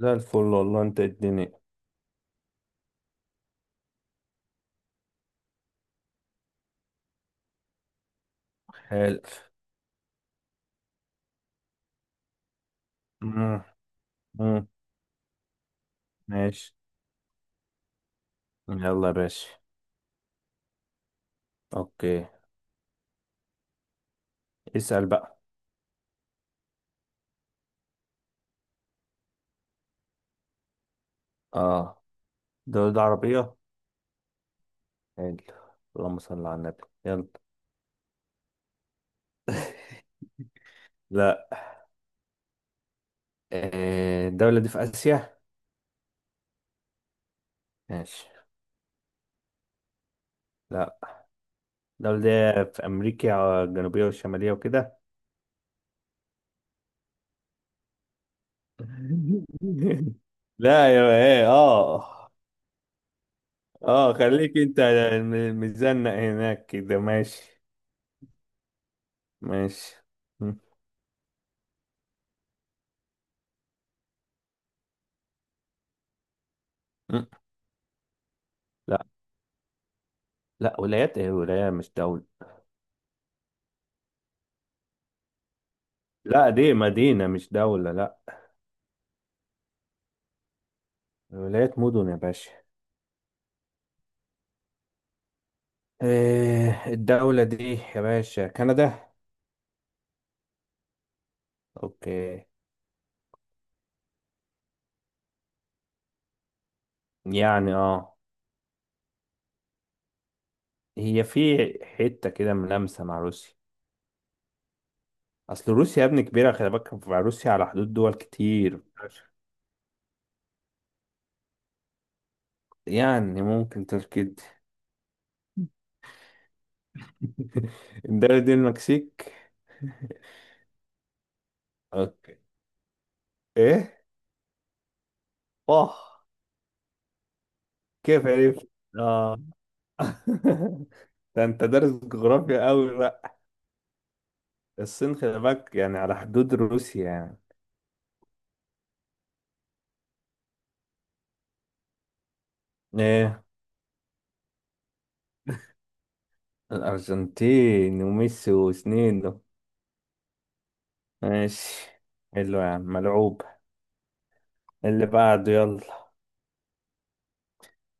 زي الفل والله، انت الدنيا. حلو. مم، مم، ماشي. يلا يا باشا. اوكي، اسأل بقى. اه. دولة عربية. حلو. اللهم صل على النبي، يلا. لا. آه، الدولة دي في آسيا؟ ماشي. لا. الدولة دي في أمريكا الجنوبية والشمالية وكده. لا يا ايه، اه. اه خليك انت. مزنق هناك كده، ماشي. ماشي. م- م. لا. لا ولايات ايه، ولاية مش دولة. لا دي مدينة مش دولة، لا. ولايات مدن يا باشا. إيه الدولة دي يا باشا؟ كندا. اوكي. يعني اه، هي في حتة كده ملامسة مع روسيا. اصل روسيا يا ابني كبيرة، خلي بالك، مع روسيا على حدود دول كتير. يعني ممكن تركد. الدولة دي المكسيك. اوكي. ايه؟ اه. كيف عرفت؟ اه. ده انت دارس جغرافيا قوي. الصين خلي بالك يعني على حدود روسيا يعني. ايه. الأرجنتين وميسي وسنين ده. ماشي. حلو يا عم، ملعوب. اللي بعده يلا.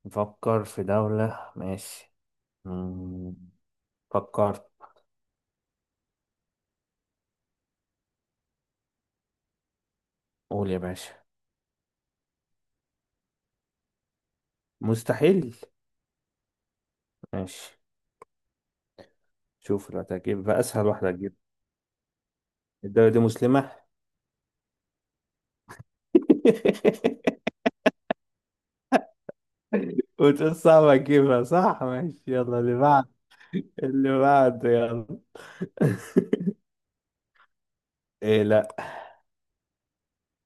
نفكر في دولة، ماشي. مم. فكرت. قول يا باشا. مستحيل. ماشي. شوف اللي هتجيب بقى، أسهل واحدة هتجيب. الدولة دي مسلمة. وتقول صعب أجيبها، صح؟ ماشي، يلا اللي بعد. اللي بعده يلا. إيه، لأ.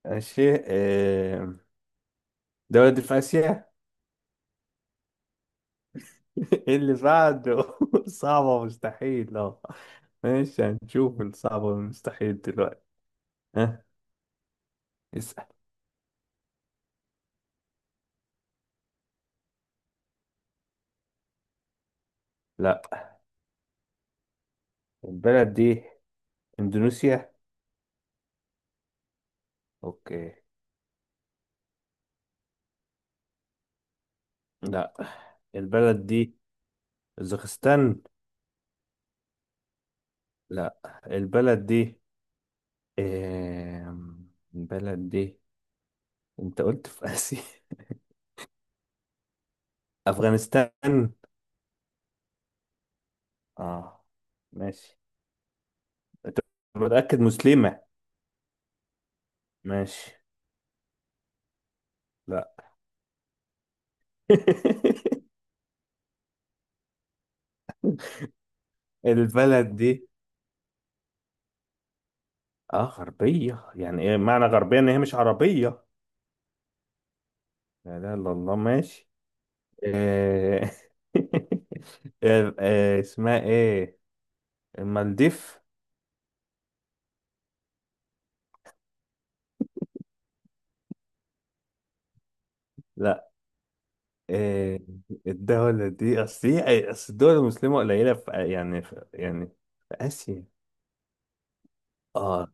ماشي إيه. ده ولد في آسيا. إيه اللي بعده؟ صعبة مستحيل، اه. ماشي، هنشوف الصعبة والمستحيل دلوقتي. ها، اسأل. لا. البلد دي اندونيسيا. اوكي. لا. البلد دي اوزبكستان. لا. البلد دي إيه... البلد دي انت قلت في آسيا. افغانستان. اه، ماشي. انت متأكد مسلمة؟ ماشي. لا. البلد دي، اه غربية يعني ايه؟ معنى غربية ان هي مش عربية. لا لا لا، الله، ماشي. آه، آه، آه، اسمها ايه؟ المالديف. لا. آه، الدولة دي، اصل الدول المسلمة قليلة في آسيا. اه،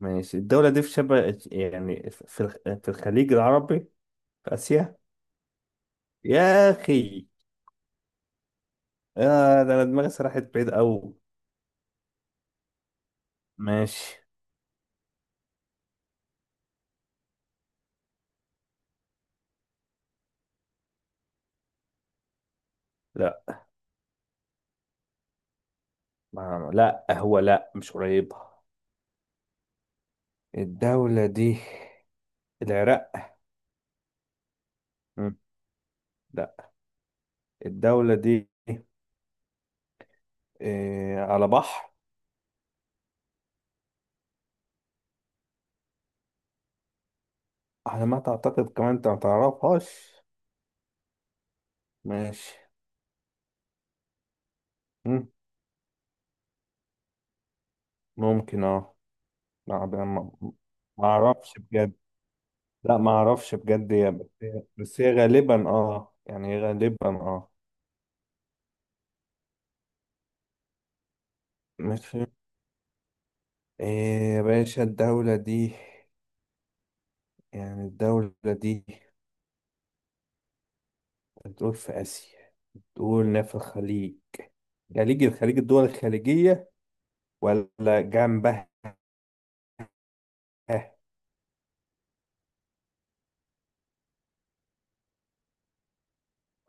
ماشي. الدولة دي في شبه، يعني في الخ- في الخليج العربي، في آسيا. يا أخي. آه، ده أنا دماغي سرحت بعيد أوي. ماشي. لا لا، هو لا، مش قريب. الدولة دي العراق. مم. لا. الدولة دي إيه، على بحر؟ على ما تعتقد كمان، انت ما تعرفهاش؟ ماشي. مم، ممكن اه. ما ما- ما اعرفش بجد. لا ما اعرفش بجد يا، بس هي، بس هي غالبا اه، يعني غالبا اه. ماشي. إيه يا باشا الدولة دي؟ يعني الدولة دي بتقول في آسيا، تقول في الخليج، خليج، الخليج، الدول الخليجية، ولا جنبها؟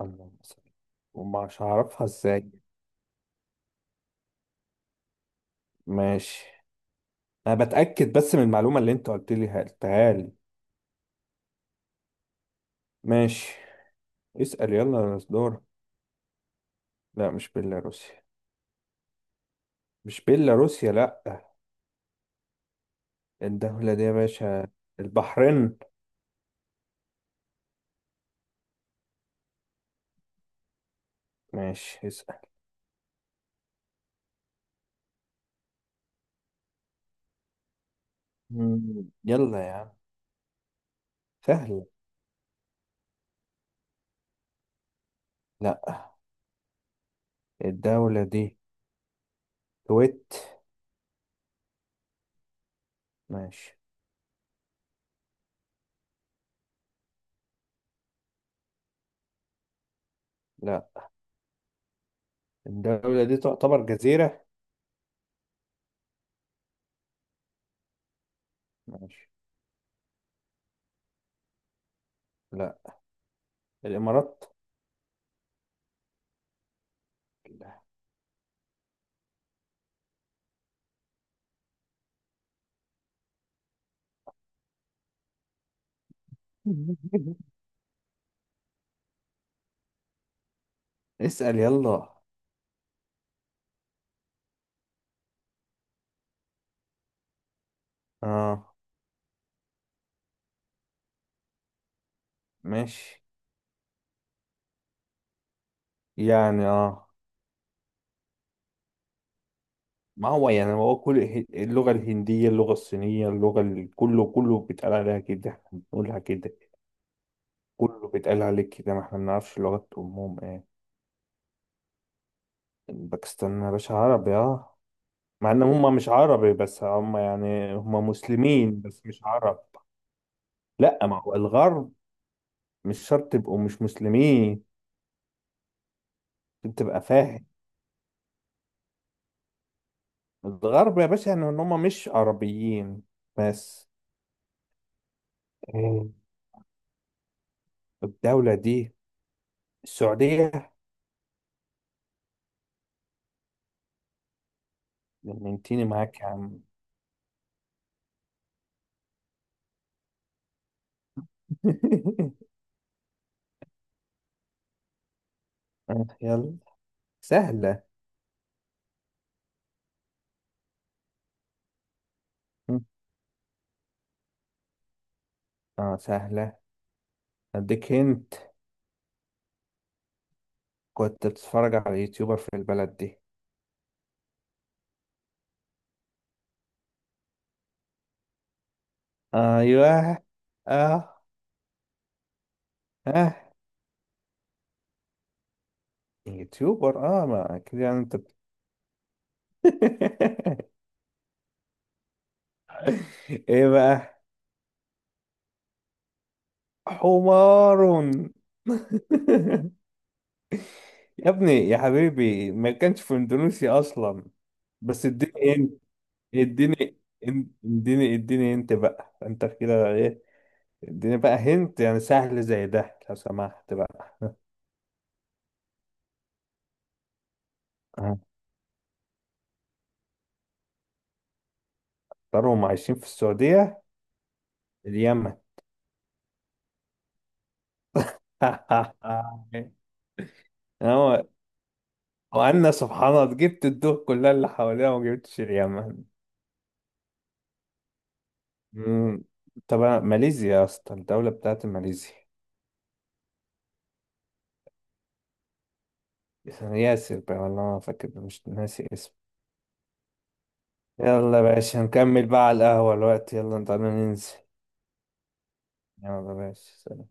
اللهم صل. ومش هعرفها ازاي؟ ماشي. انا بتأكد بس من المعلومة اللي انت قلت لي قلتها لي. ماشي، اسأل يلا يا مصدور. لا مش بيلاروسيا. مش بيلاروسيا، لا. الدولة دي يا باشا البحرين. ماشي، اسأل. يلا يا عم، سهلة. لا. الدولة دي كويت. ماشي. لا. الدولة دي تعتبر جزيرة. ماشي. لا. الإمارات. لا. اسأل يلا. اه. ماشي. يعني اه. ما هو يعني، هو اللغة الهندية، اللغة الصينية، كله بيتقال عليها كده، احنا بنقولها كده. كله بيتقال عليك كده، ما احنا بنعرفش لغة أمهم ايه. باكستان يا باشا عربي، اه. مع ان هم مش عربي، بس هم يعني هم مسلمين بس مش عرب. لا، ما هو الغرب مش شرط تبقوا مش مسلمين، عشان تبقى فاهم. الغرب يا باشا يعني ان هم مش عربيين، بس. إيه. الدولة دي السعودية. لمنتيني معاك يا عم. آه، يلا. سهلة. م. اه، سهلة. اديك هنت. كنت بتتفرج على يوتيوبر في البلد دي. ايوه. اه. اه، يوتيوبر اه، ما كده يعني، ايه بقى؟ حمار. يا ابني يا حبيبي، ما كانش في اندونيسيا اصلا. بس اديني انت. اديني. اديني انت بقى، انت كده إيه؟ اديني بقى هنت يعني، سهل زي ده لو سمحت بقى. هختارهم عايشين في السعودية. اليمن. هو، وأنا سبحان الله جبت الدول كلها اللي حواليها وما جبتش اليمن. مم. طب ماليزيا يا اسطى، الدولة بتاعت ماليزيا. ياسر بقى والله، ما فاكر، مش ناسي اسمه. يلا يا باشا، نكمل بقى على القهوة، الوقت، يلا تعالى ننزل. يلا يا باشا.